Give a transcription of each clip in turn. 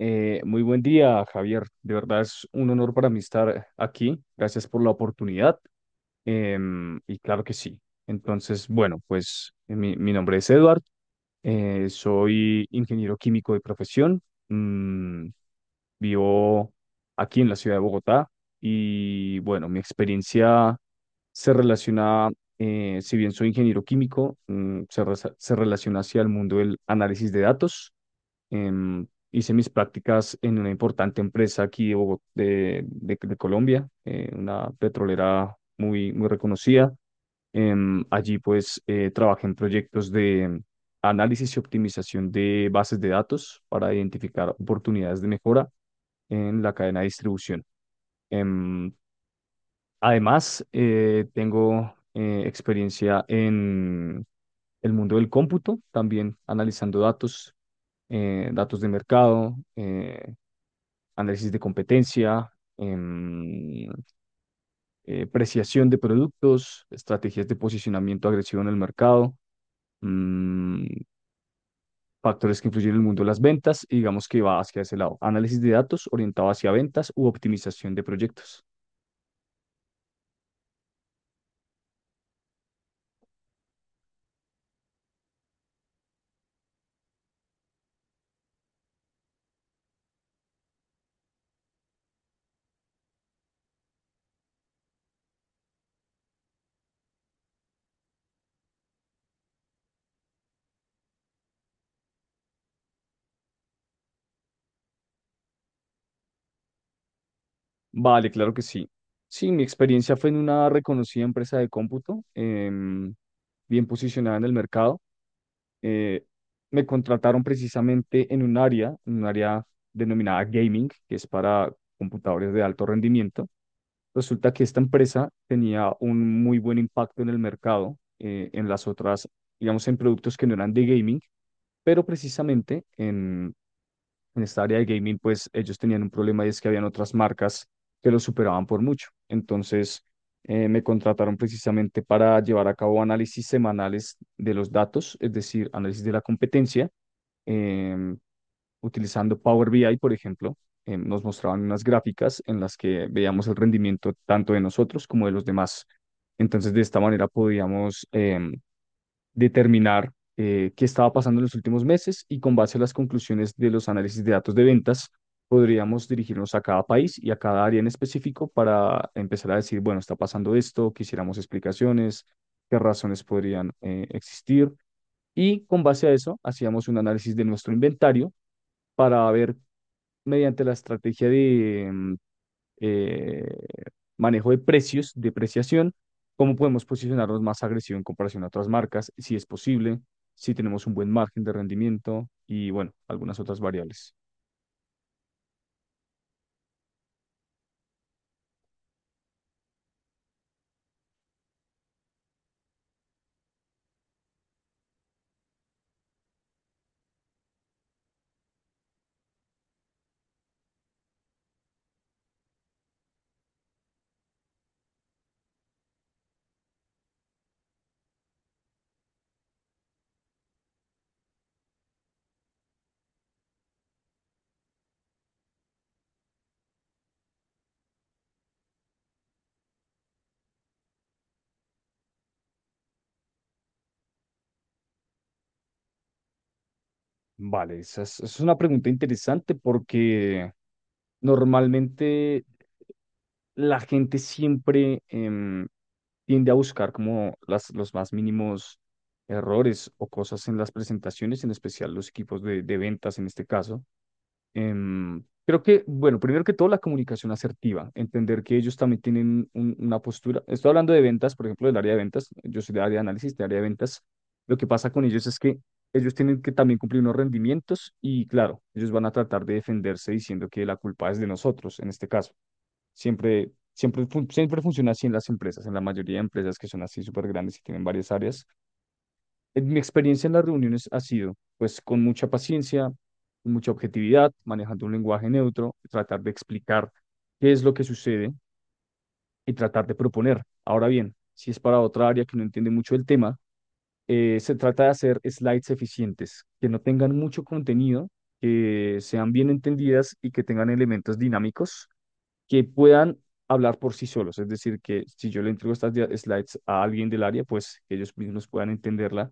Muy buen día, Javier. De verdad es un honor para mí estar aquí. Gracias por la oportunidad. Y claro que sí. Entonces, bueno, pues mi nombre es Edward. Soy ingeniero químico de profesión. Mm, Vivo aquí en la ciudad de Bogotá. Y bueno, mi experiencia se relaciona, si bien soy ingeniero químico, se relaciona hacia el mundo del análisis de datos. Hice mis prácticas en una importante empresa aquí de, Bogo- de Colombia, una petrolera muy, muy reconocida. Allí trabajé en proyectos de análisis y optimización de bases de datos para identificar oportunidades de mejora en la cadena de distribución. Em, Además, tengo experiencia en el mundo del cómputo, también analizando datos, datos de mercado, análisis de competencia, em, preciación de productos, estrategias de posicionamiento agresivo en el mercado, mm, factores que influyen en el mundo de las ventas, y digamos que va hacia ese lado. Análisis de datos orientado hacia ventas u optimización de proyectos. Vale, claro que sí. Sí, mi experiencia fue en una reconocida empresa de cómputo, bien posicionada en el mercado. eh, Me contrataron precisamente en un área denominada gaming, que es para computadores de alto rendimiento. Resulta que esta empresa tenía un muy buen impacto en el mercado, en las otras, digamos, en productos que no eran de gaming, pero precisamente en esta área de gaming, pues ellos tenían un problema, y es que habían otras marcas que los superaban por mucho. Entonces, me contrataron precisamente para llevar a cabo análisis semanales de los datos, es decir, análisis de la competencia, em, utilizando Power BI, por ejemplo. Nos mostraban unas gráficas en las que veíamos el rendimiento tanto de nosotros como de los demás. Entonces, de esta manera podíamos determinar qué estaba pasando en los últimos meses, y con base a las conclusiones de los análisis de datos de ventas, podríamos dirigirnos a cada país y a cada área en específico para empezar a decir, bueno, está pasando esto, quisiéramos explicaciones, qué razones podrían existir. Y con base a eso, hacíamos un análisis de nuestro inventario para ver mediante la estrategia de eh, manejo de precios, depreciación, cómo podemos posicionarnos más agresivo en comparación a otras marcas, si es posible, si tenemos un buen margen de rendimiento y bueno, algunas otras variables. Vale, esa es una pregunta interesante porque normalmente la gente siempre tiende a buscar como las, los más mínimos errores o cosas en las presentaciones, en especial los equipos de ventas en este caso. Creo que, bueno, primero que todo la comunicación asertiva, entender que ellos también tienen una postura. Estoy hablando de ventas, por ejemplo, del área de ventas. Yo soy del área de análisis, del área de ventas. Lo que pasa con ellos es que ellos tienen que también cumplir unos rendimientos y, claro, ellos van a tratar de defenderse diciendo que la culpa es de nosotros, en este caso. Siempre funciona así en las empresas, en la mayoría de empresas que son así súper grandes y tienen varias áreas. En Mi experiencia en las reuniones ha sido, pues, con mucha paciencia, con mucha objetividad, manejando un lenguaje neutro, tratar de explicar qué es lo que sucede y tratar de proponer. Ahora bien, si es para otra área que no entiende mucho el tema, se trata de hacer slides eficientes, que no tengan mucho contenido, que sean bien entendidas y que tengan elementos dinámicos que puedan hablar por sí solos. Es decir, que si yo le entrego estas slides a alguien del área, pues que ellos mismos puedan entenderla,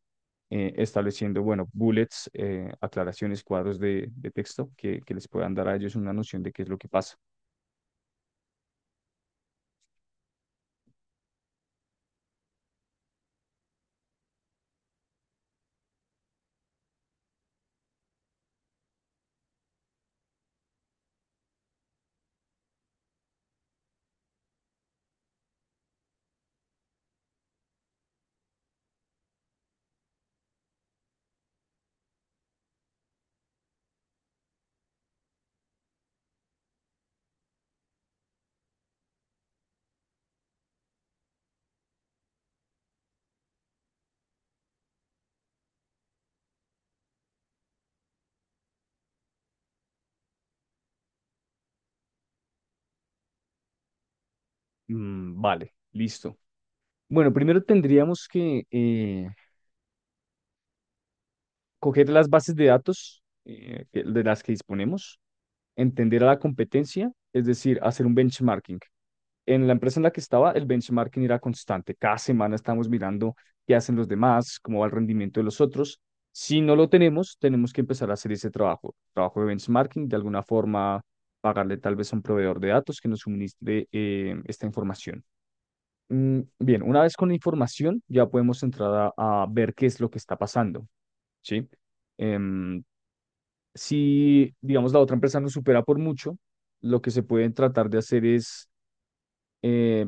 estableciendo, bueno, bullets, aclaraciones, cuadros de texto que les puedan dar a ellos una noción de qué es lo que pasa. Vale, listo. Bueno, primero tendríamos que coger las bases de datos de las que disponemos, entender a la competencia, es decir, hacer un benchmarking. En la empresa en la que estaba, el benchmarking era constante. Cada semana estamos mirando qué hacen los demás, cómo va el rendimiento de los otros. Si no lo tenemos, tenemos que empezar a hacer ese trabajo, trabajo de benchmarking, de alguna forma pagarle tal vez a un proveedor de datos que nos suministre esta información. Bien, una vez con la información, ya podemos entrar a ver qué es lo que está pasando, ¿sí? Em, si, digamos, la otra empresa nos supera por mucho, lo que se puede tratar de hacer es eh,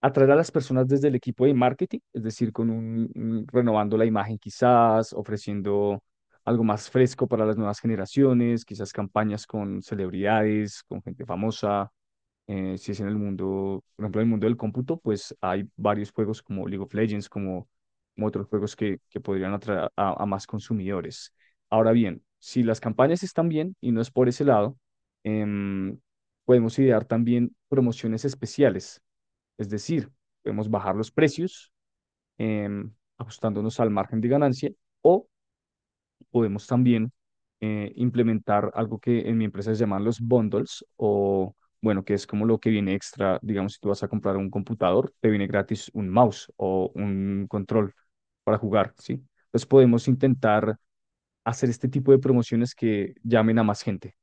atraer a las personas desde el equipo de marketing, es decir, renovando la imagen quizás, ofreciendo algo más fresco para las nuevas generaciones, quizás campañas con celebridades, con gente famosa. Si es en el mundo, por ejemplo, en el mundo del cómputo, pues hay varios juegos como League of Legends, como, como otros juegos que podrían atraer a más consumidores. Ahora bien, si las campañas están bien y no es por ese lado, em, podemos idear también promociones especiales, es decir, podemos bajar los precios eh, ajustándonos al margen de ganancia, o podemos también implementar algo que en mi empresa se llaman los bundles, o bueno, que es como lo que viene extra. Digamos, si tú vas a comprar un computador, te viene gratis un mouse o un control para jugar, ¿sí? Entonces podemos intentar hacer este tipo de promociones que llamen a más gente.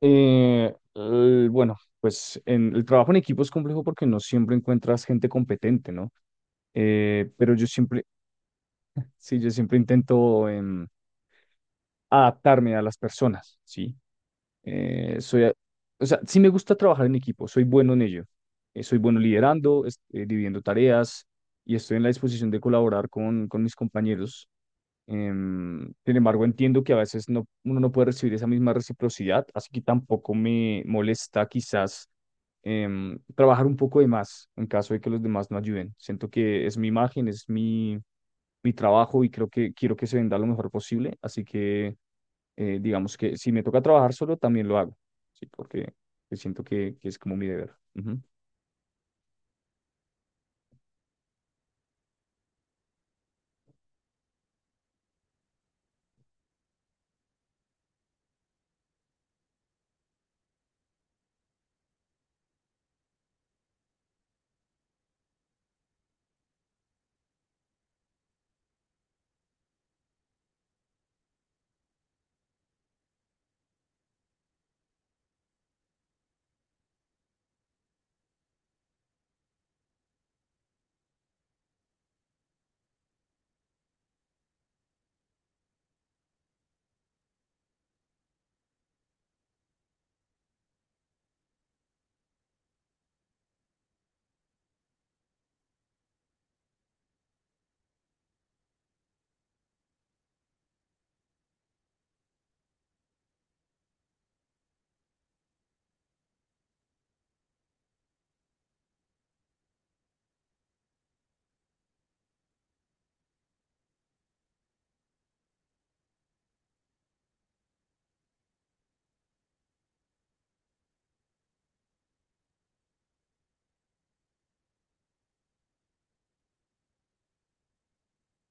Bueno, pues en, el trabajo en equipo es complejo porque no siempre encuentras gente competente, ¿no? Eh, pero yo siempre, sí, yo siempre intento adaptarme a las personas, ¿sí? Eh, soy, a- o sea, sí me gusta trabajar en equipo, soy bueno en ello. Soy bueno liderando, dividiendo tareas y estoy en la disposición de colaborar con mis compañeros. Sin embargo, entiendo que a veces no, uno no puede recibir esa misma reciprocidad, así que tampoco me molesta quizás trabajar un poco de más en caso de que los demás no ayuden. Siento que es mi imagen, es mi, mi trabajo y creo que quiero que se venda lo mejor posible, así que digamos que si me toca trabajar solo, también lo hago, sí, porque siento que es como mi deber. Ujú.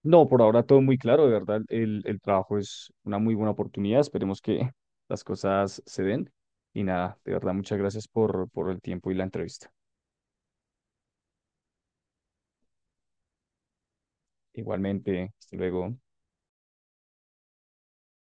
No, por ahora todo muy claro, de verdad, el trabajo es una muy buena oportunidad, esperemos que las cosas se den. Y nada, de verdad, muchas gracias por el tiempo y la entrevista. Igualmente, hasta luego.